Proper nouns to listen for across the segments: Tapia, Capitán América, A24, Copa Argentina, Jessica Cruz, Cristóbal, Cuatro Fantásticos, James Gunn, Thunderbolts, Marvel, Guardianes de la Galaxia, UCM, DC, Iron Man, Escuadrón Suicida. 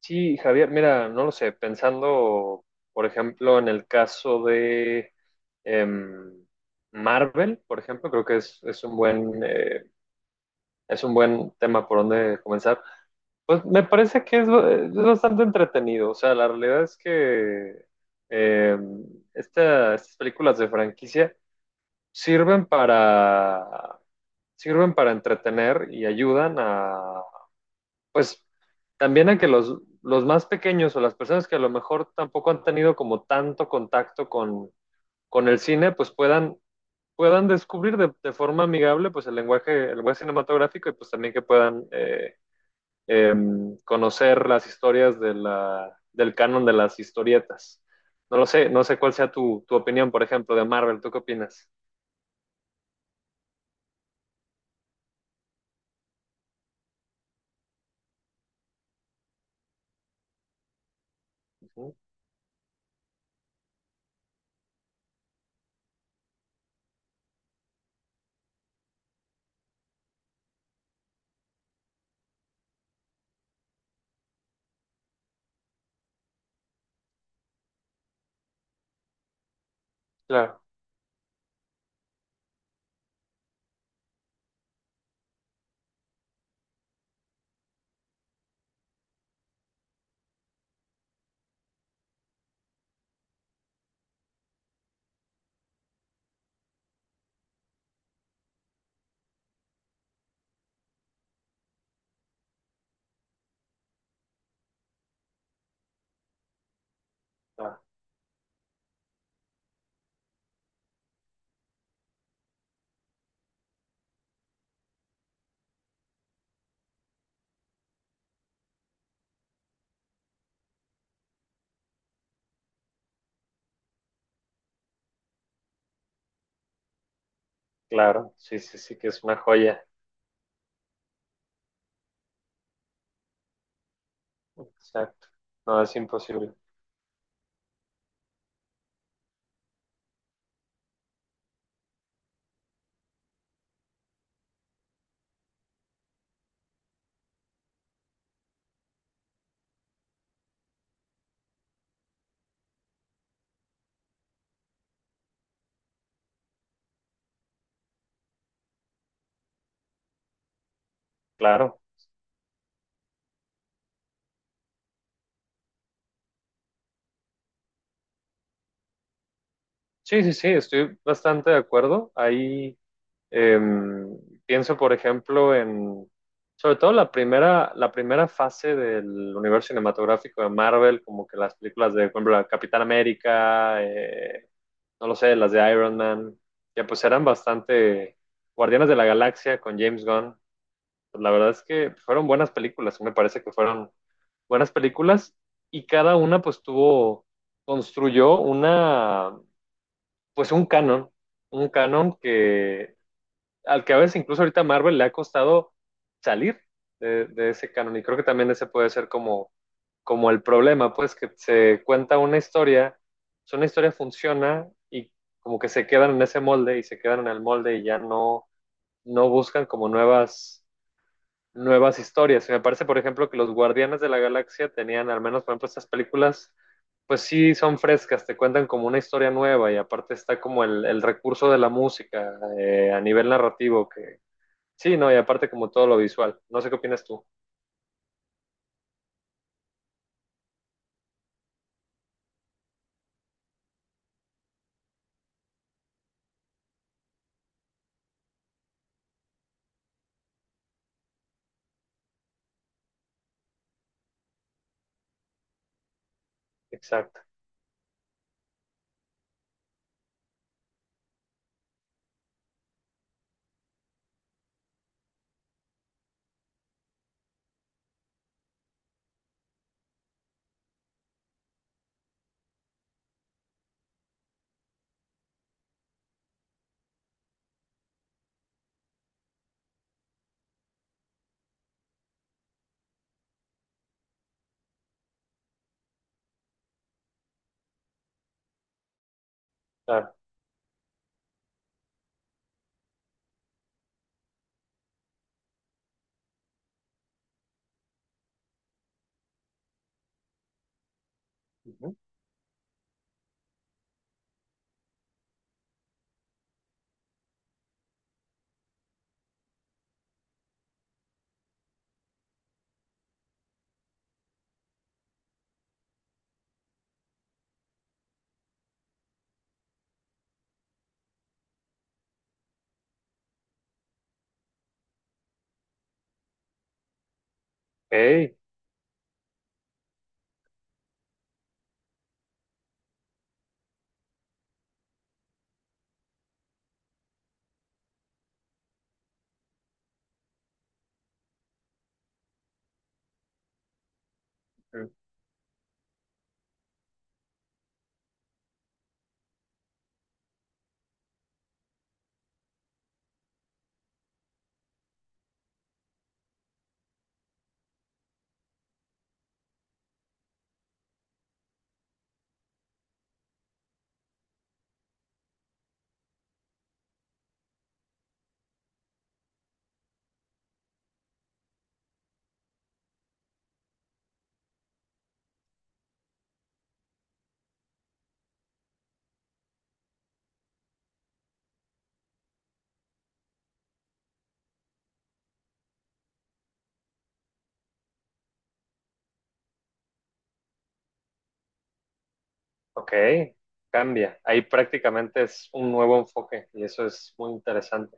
Sí, Javier, mira, no lo sé, pensando, por ejemplo, en el caso de em, Marvel, por ejemplo, creo que es un buen tema por donde comenzar. Pues me parece que es bastante entretenido, o sea, la realidad es que em, estas películas de franquicia sirven para, sirven para entretener y ayudan pues también a que los más pequeños o las personas que a lo mejor tampoco han tenido como tanto contacto con el cine, pues puedan descubrir de forma amigable pues el lenguaje cinematográfico y pues también que puedan eh, conocer las historias de del canon de las historietas. No lo sé, no sé cuál sea tu opinión, por ejemplo, de Marvel. ¿Tú qué opinas? Ujú. Claro. Ah, claro, sí, sí, sí, que es una joya. Exacto. No, es imposible. Claro. Sí, sí, sí, estoy bastante de acuerdo. Ahí em, pienso, por ejemplo, en sobre todo la primera fase del universo cinematográfico de Marvel, como que las películas de, por ejemplo, la Capitán América, no lo sé, las de Iron Man, ya pues eran bastante Guardianes de la Galaxia con James Gunn. Pues, la verdad es que fueron buenas películas, me parece que fueron buenas películas y cada una pues construyó una pues un canon que al que a veces incluso ahorita Marvel le ha costado salir de ese canon y creo que también ese puede ser como el problema, pues que se cuenta una historia, si una historia funciona y como que se quedan en ese molde y se quedan en el molde y ya no, no buscan como nuevas historias. Y me parece, por ejemplo, que los Guardianes de la Galaxia tenían al menos, por ejemplo, estas películas pues sí son frescas, te cuentan como una historia nueva y aparte está como el recurso de la música a nivel narrativo que sí, no, y aparte como todo lo visual. No sé qué opinas tú. Exacto, claro. Ujú. Ok. mm, ok, cambia. Ahí prácticamente es un nuevo enfoque y eso es muy interesante.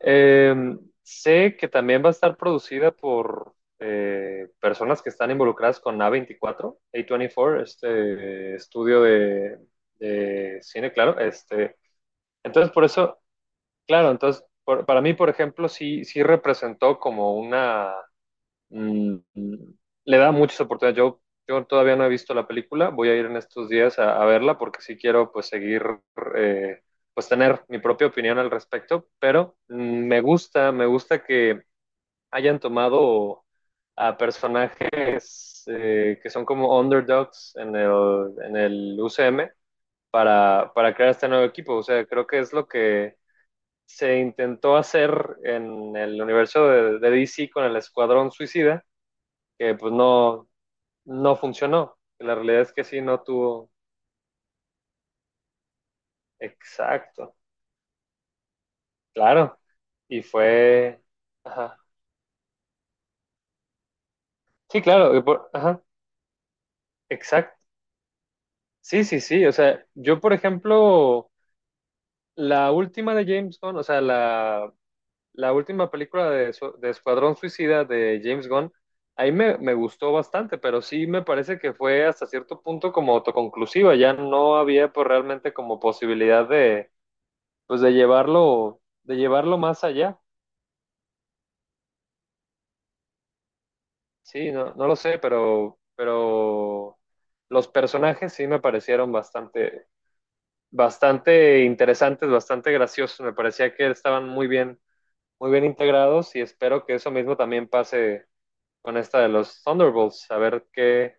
Eh, Sé que también va a estar producida por personas que están involucradas con a veinticuatro, A24, este estudio de cine, claro. Este, entonces, por eso, claro, entonces, para mí, por ejemplo, sí, sí representó como una. Mm, Le da muchas oportunidades. Yo todavía no he visto la película, voy a ir en estos días a verla porque sí quiero pues seguir, eh, pues tener mi propia opinión al respecto, pero me gusta que hayan tomado a personajes que son como underdogs en el UCM para crear este nuevo equipo. O sea, creo que es lo que se intentó hacer en el universo de DC con el Escuadrón Suicida que pues no, no funcionó. La realidad es que sí, no tuvo. Exacto, claro. Y fue... Ajá. Sí, claro. Ajá. Exacto. Sí, sí, sí. O sea, yo, por ejemplo, la última de James Gunn, o sea, la última película de Escuadrón Suicida de James Gunn, ahí me gustó bastante, pero sí me parece que fue hasta cierto punto como autoconclusiva. Ya no había pues, realmente como posibilidad de pues de llevarlo, más allá. Sí, no, no lo sé, pero los personajes sí me parecieron bastante, bastante interesantes, bastante graciosos. Me parecía que estaban muy bien integrados y espero que eso mismo también pase con esta de los Thunderbolts, a ver qué,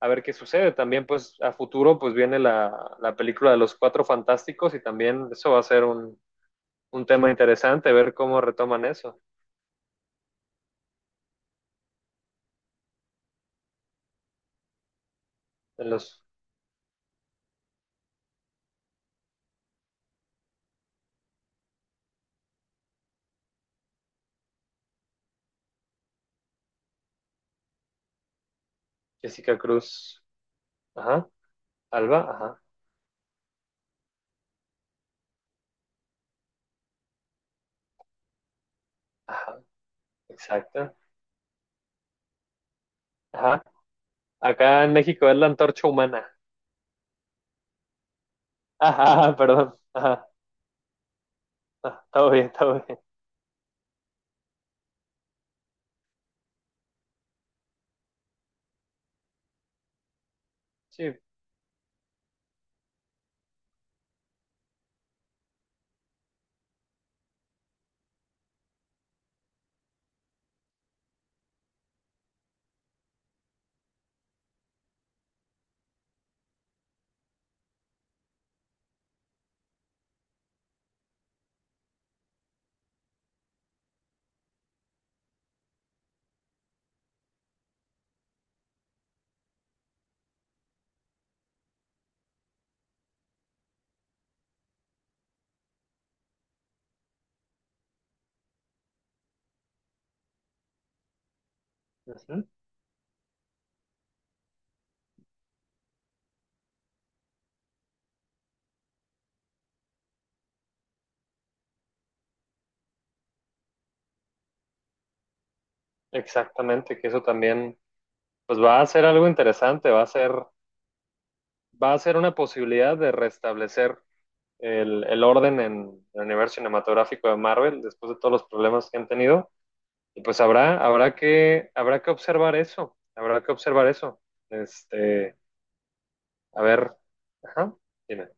a ver qué sucede. También, pues, a futuro, pues viene la película de los Cuatro Fantásticos y también eso va a ser un tema interesante, ver cómo retoman eso en los Jessica Cruz. Ajá. Alba, ajá. Ajá, exacto. Ajá, acá en México es la antorcha humana. Ajá, perdón. Ajá, ajá, todo bien, todo bien. Sí, ujú, exactamente, que eso también, pues va a ser algo interesante, va a ser una posibilidad de restablecer el orden en el universo cinematográfico de Marvel después de todos los problemas que han tenido. Y pues habrá que observar eso, habrá que observar eso. Este, a ver, ajá, dime.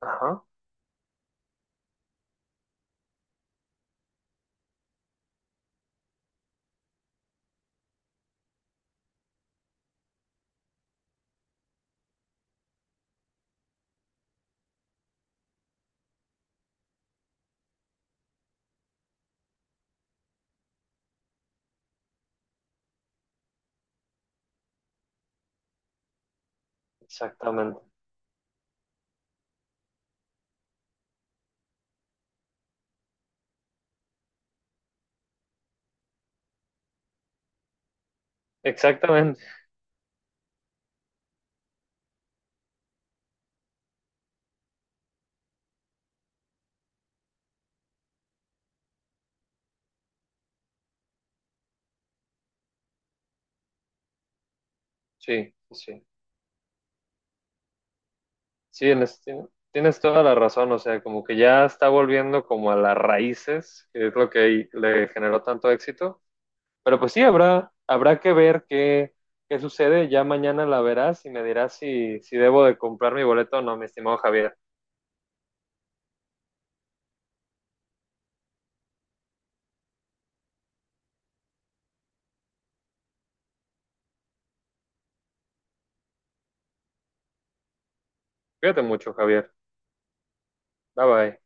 Ajá. Exactamente, exactamente, sí, sí, sí, tienes toda la razón, o sea, como que ya está volviendo como a las raíces, que es lo que le generó tanto éxito, pero pues sí, habrá que ver qué sucede, ya mañana la verás y me dirás si debo de comprar mi boleto o no, mi estimado Javier. Cuídate mucho, Javier, bye bye.